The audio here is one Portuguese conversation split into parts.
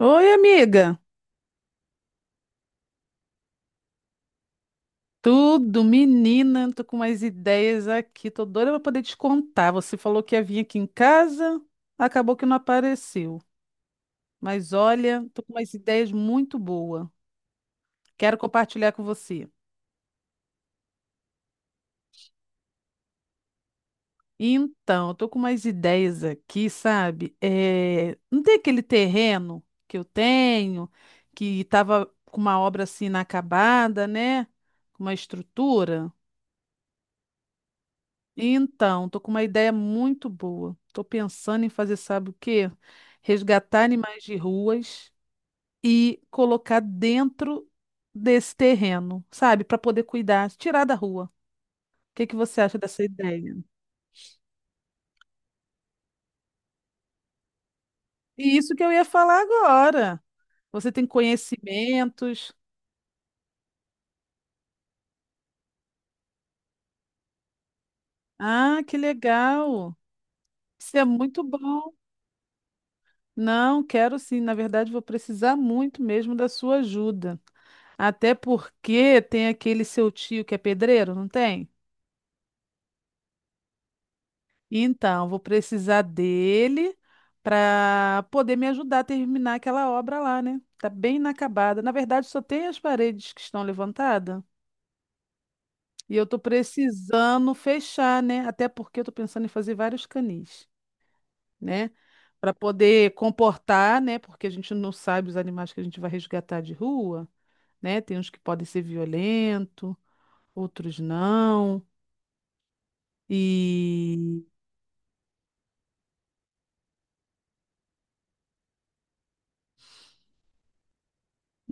Oi, amiga. Tudo, menina. Tô com umas ideias aqui. Tô doida pra poder te contar. Você falou que ia vir aqui em casa, acabou que não apareceu. Mas olha, tô com umas ideias muito boas. Quero compartilhar com você. Então, eu tô com umas ideias aqui, sabe? É, não tem aquele terreno que eu tenho, que tava com uma obra assim inacabada, né? Com uma estrutura. Então, tô com uma ideia muito boa. Tô pensando em fazer, sabe o quê? Resgatar animais de ruas e colocar dentro desse terreno, sabe? Para poder cuidar, tirar da rua. O que você acha dessa ideia? E isso que eu ia falar agora. Você tem conhecimentos. Ah, que legal. Isso é muito bom. Não, quero sim. Na verdade, vou precisar muito mesmo da sua ajuda. Até porque tem aquele seu tio que é pedreiro, não tem? Então, vou precisar dele para poder me ajudar a terminar aquela obra lá, né? Tá bem inacabada. Na verdade, só tem as paredes que estão levantadas e eu tô precisando fechar, né? Até porque eu tô pensando em fazer vários canis, né? Para poder comportar, né? Porque a gente não sabe os animais que a gente vai resgatar de rua, né? Tem uns que podem ser violentos, outros não. E.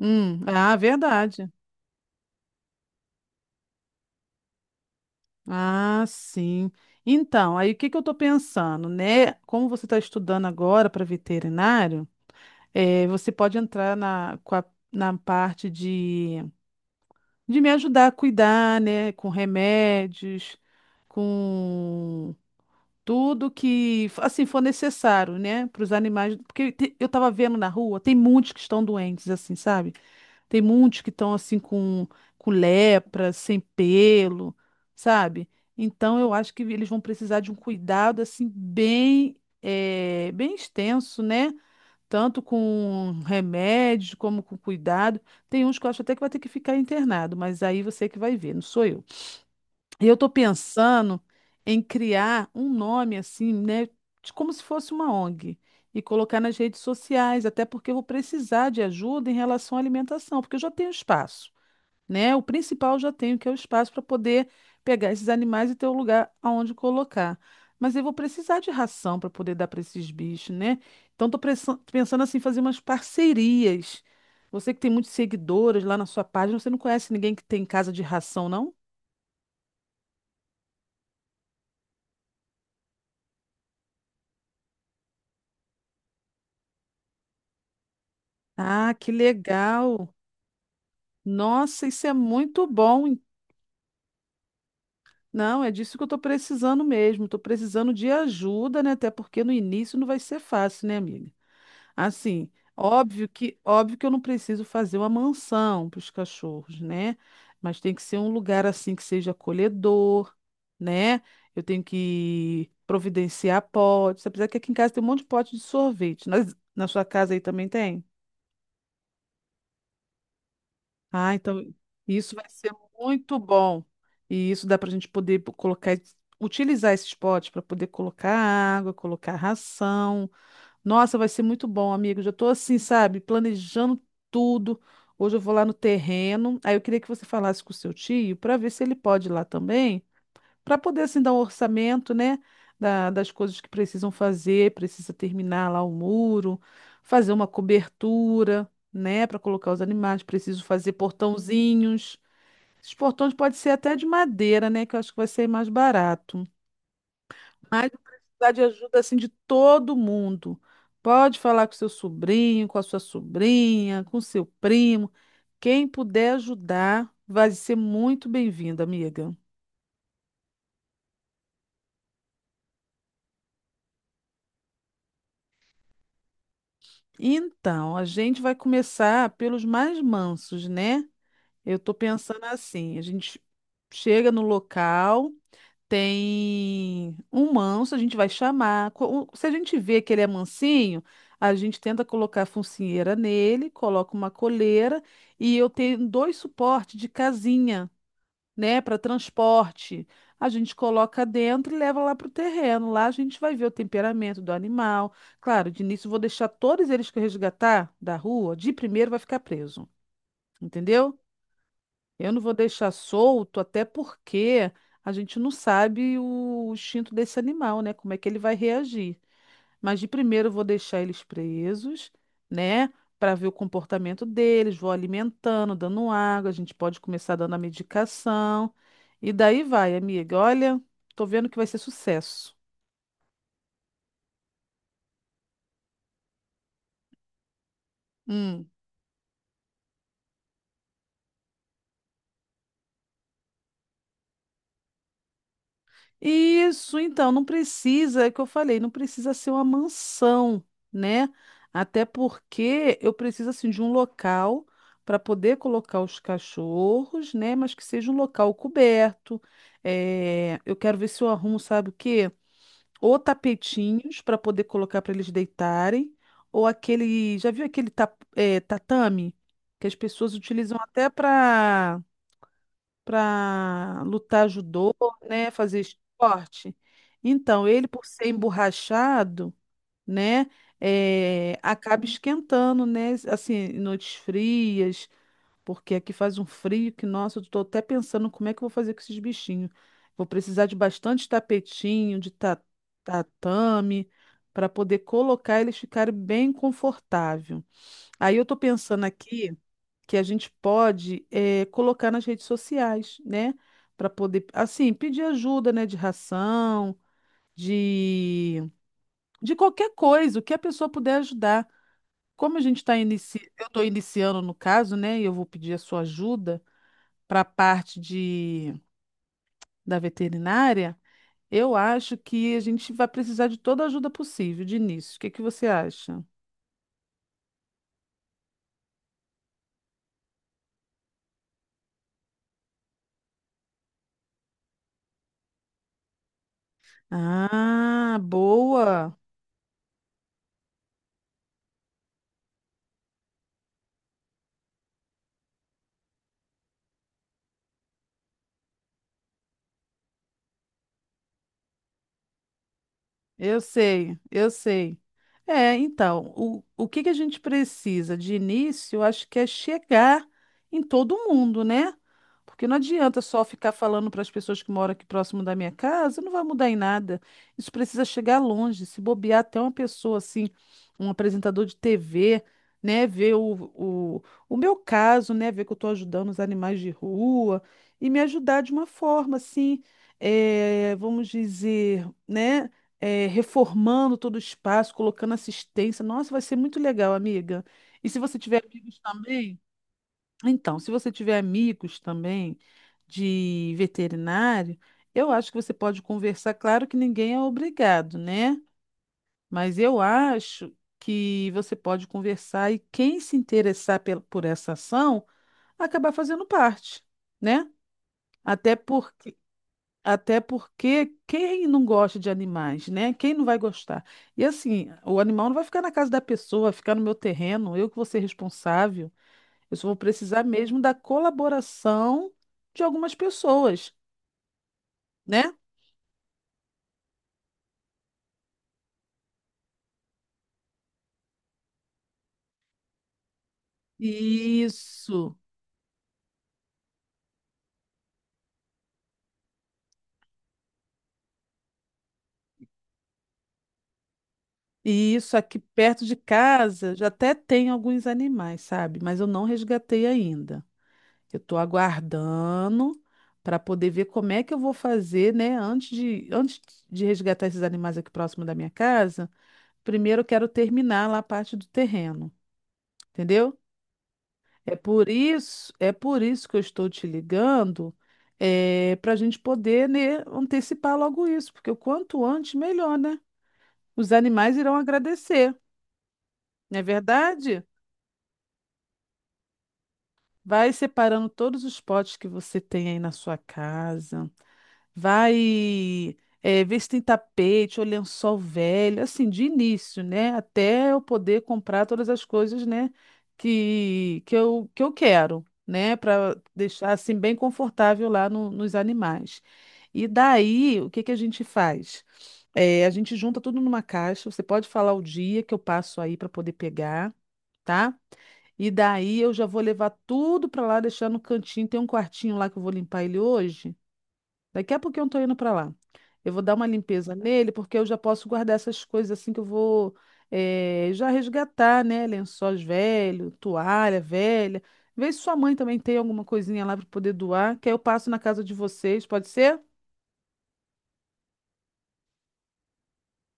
Ah, verdade. Ah, sim. Então, aí o que eu estou pensando, né? Como você está estudando agora para veterinário, você pode entrar na, na parte de me ajudar a cuidar, né? Com remédios, com tudo que assim for necessário, né? Para os animais, porque eu estava vendo na rua, tem muitos que estão doentes, assim, sabe? Tem muitos que estão assim com lepra, sem pelo, sabe? Então eu acho que eles vão precisar de um cuidado assim bem, bem extenso, né? Tanto com remédio como com cuidado. Tem uns que eu acho até que vai ter que ficar internado, mas aí você que vai ver, não sou eu. E eu estou pensando em criar um nome assim, né, de como se fosse uma ONG e colocar nas redes sociais, até porque eu vou precisar de ajuda em relação à alimentação, porque eu já tenho espaço, né? O principal eu já tenho, que é o espaço para poder pegar esses animais e ter um lugar aonde colocar. Mas eu vou precisar de ração para poder dar para esses bichos, né? Então estou pensando assim, fazer umas parcerias. Você que tem muitos seguidores lá na sua página, você não conhece ninguém que tem casa de ração, não? Ah, que legal! Nossa, isso é muito bom, hein? Não, é disso que eu estou precisando mesmo. Estou precisando de ajuda, né? Até porque no início não vai ser fácil, né, amiga? Assim, óbvio que eu não preciso fazer uma mansão para os cachorros, né? Mas tem que ser um lugar assim que seja acolhedor, né? Eu tenho que providenciar potes, apesar que aqui em casa tem um monte de pote de sorvete. Na sua casa aí também tem? Ah, então isso vai ser muito bom. E isso dá para a gente poder colocar, utilizar esses potes para poder colocar água, colocar ração. Nossa, vai ser muito bom, amigo. Já estou assim, sabe, planejando tudo. Hoje eu vou lá no terreno. Aí eu queria que você falasse com o seu tio para ver se ele pode ir lá também, para poder assim dar um orçamento, né, das coisas que precisam fazer, precisa terminar lá o muro, fazer uma cobertura, né, para colocar os animais, preciso fazer portãozinhos. Esses portões podem ser até de madeira, né, que eu acho que vai ser mais barato. Mas eu precisar de ajuda assim de todo mundo. Pode falar com seu sobrinho, com a sua sobrinha, com seu primo. Quem puder ajudar vai ser muito bem-vindo, amiga. Então, a gente vai começar pelos mais mansos, né? Eu tô pensando assim, a gente chega no local, tem um manso, a gente vai chamar. Se a gente vê que ele é mansinho, a gente tenta colocar a focinheira nele, coloca uma coleira e eu tenho dois suportes de casinha, né, para transporte. A gente coloca dentro e leva lá para o terreno. Lá a gente vai ver o temperamento do animal. Claro, de início eu vou deixar todos eles que eu resgatar da rua, de primeiro vai ficar preso, entendeu? Eu não vou deixar solto, até porque a gente não sabe o instinto desse animal, né? Como é que ele vai reagir. Mas de primeiro eu vou deixar eles presos, né? Para ver o comportamento deles, vou alimentando, dando água, a gente pode começar dando a medicação. E daí vai, amiga. Olha, tô vendo que vai ser sucesso. Hum. Isso, então, não precisa, é o que eu falei, não precisa ser uma mansão, né? Até porque eu preciso, assim, de um local para poder colocar os cachorros, né? Mas que seja um local coberto. É, eu quero ver se eu arrumo, sabe o quê? Ou tapetinhos para poder colocar para eles deitarem, ou aquele, já viu aquele tatame que as pessoas utilizam até para lutar judô, né, fazer esporte. Então, ele por ser emborrachado, né, acaba esquentando, né, assim, em noites frias, porque aqui faz um frio que, nossa, eu tô até pensando como é que eu vou fazer com esses bichinhos. Vou precisar de bastante tapetinho, tatame, para poder colocar eles ficarem bem confortável. Aí eu tô pensando aqui que a gente pode colocar nas redes sociais, né? Para poder, assim, pedir ajuda, né? De ração, de, de qualquer coisa, o que a pessoa puder ajudar. Como a gente está iniciando, eu estou iniciando no caso, né? E eu vou pedir a sua ajuda para a parte de, da veterinária, eu acho que a gente vai precisar de toda a ajuda possível de início. O que você acha? Ah, boa! Eu sei, eu sei. É, então, o que a gente precisa de início, eu acho que é chegar em todo mundo, né? Porque não adianta só ficar falando para as pessoas que moram aqui próximo da minha casa, não vai mudar em nada. Isso precisa chegar longe, se bobear até uma pessoa assim, um apresentador de TV, né, ver o meu caso, né, ver que eu estou ajudando os animais de rua e me ajudar de uma forma assim, vamos dizer, né? Reformando todo o espaço, colocando assistência. Nossa, vai ser muito legal, amiga. E se você tiver amigos também, então, se você tiver amigos também de veterinário, eu acho que você pode conversar. Claro que ninguém é obrigado, né? Mas eu acho que você pode conversar e quem se interessar por essa ação acabar fazendo parte, né? Até porque até porque quem não gosta de animais, né? Quem não vai gostar? E assim, o animal não vai ficar na casa da pessoa, vai ficar no meu terreno, eu que vou ser responsável. Eu só vou precisar mesmo da colaboração de algumas pessoas, né? Isso. E isso aqui perto de casa já até tem alguns animais, sabe? Mas eu não resgatei ainda. Eu estou aguardando para poder ver como é que eu vou fazer, né? Antes de resgatar esses animais aqui próximo da minha casa, primeiro eu quero terminar lá a parte do terreno, entendeu? É por isso que eu estou te ligando, para a gente poder, né, antecipar logo isso, porque o quanto antes, melhor, né? Os animais irão agradecer, não é verdade? Vai separando todos os potes que você tem aí na sua casa. vai Ver se tem tapete ou lençol velho, assim, de início, né? Até eu poder comprar todas as coisas, né, que eu quero, né, para deixar assim bem confortável lá no- nos animais. E daí, o que a gente faz? A gente junta tudo numa caixa. Você pode falar o dia que eu passo aí para poder pegar, tá? E daí eu já vou levar tudo para lá, deixar no cantinho. Tem um quartinho lá que eu vou limpar ele hoje. Daqui a pouquinho eu tô indo para lá. Eu vou dar uma limpeza nele, porque eu já posso guardar essas coisas assim que eu vou já resgatar, né? Lençóis velho, toalha velha. Vê se sua mãe também tem alguma coisinha lá para poder doar, que aí eu passo na casa de vocês, pode ser?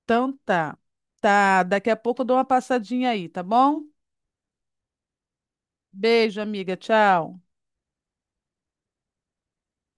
Então tá. Tá, daqui a pouco eu dou uma passadinha aí, tá bom? Beijo, amiga. Tchau.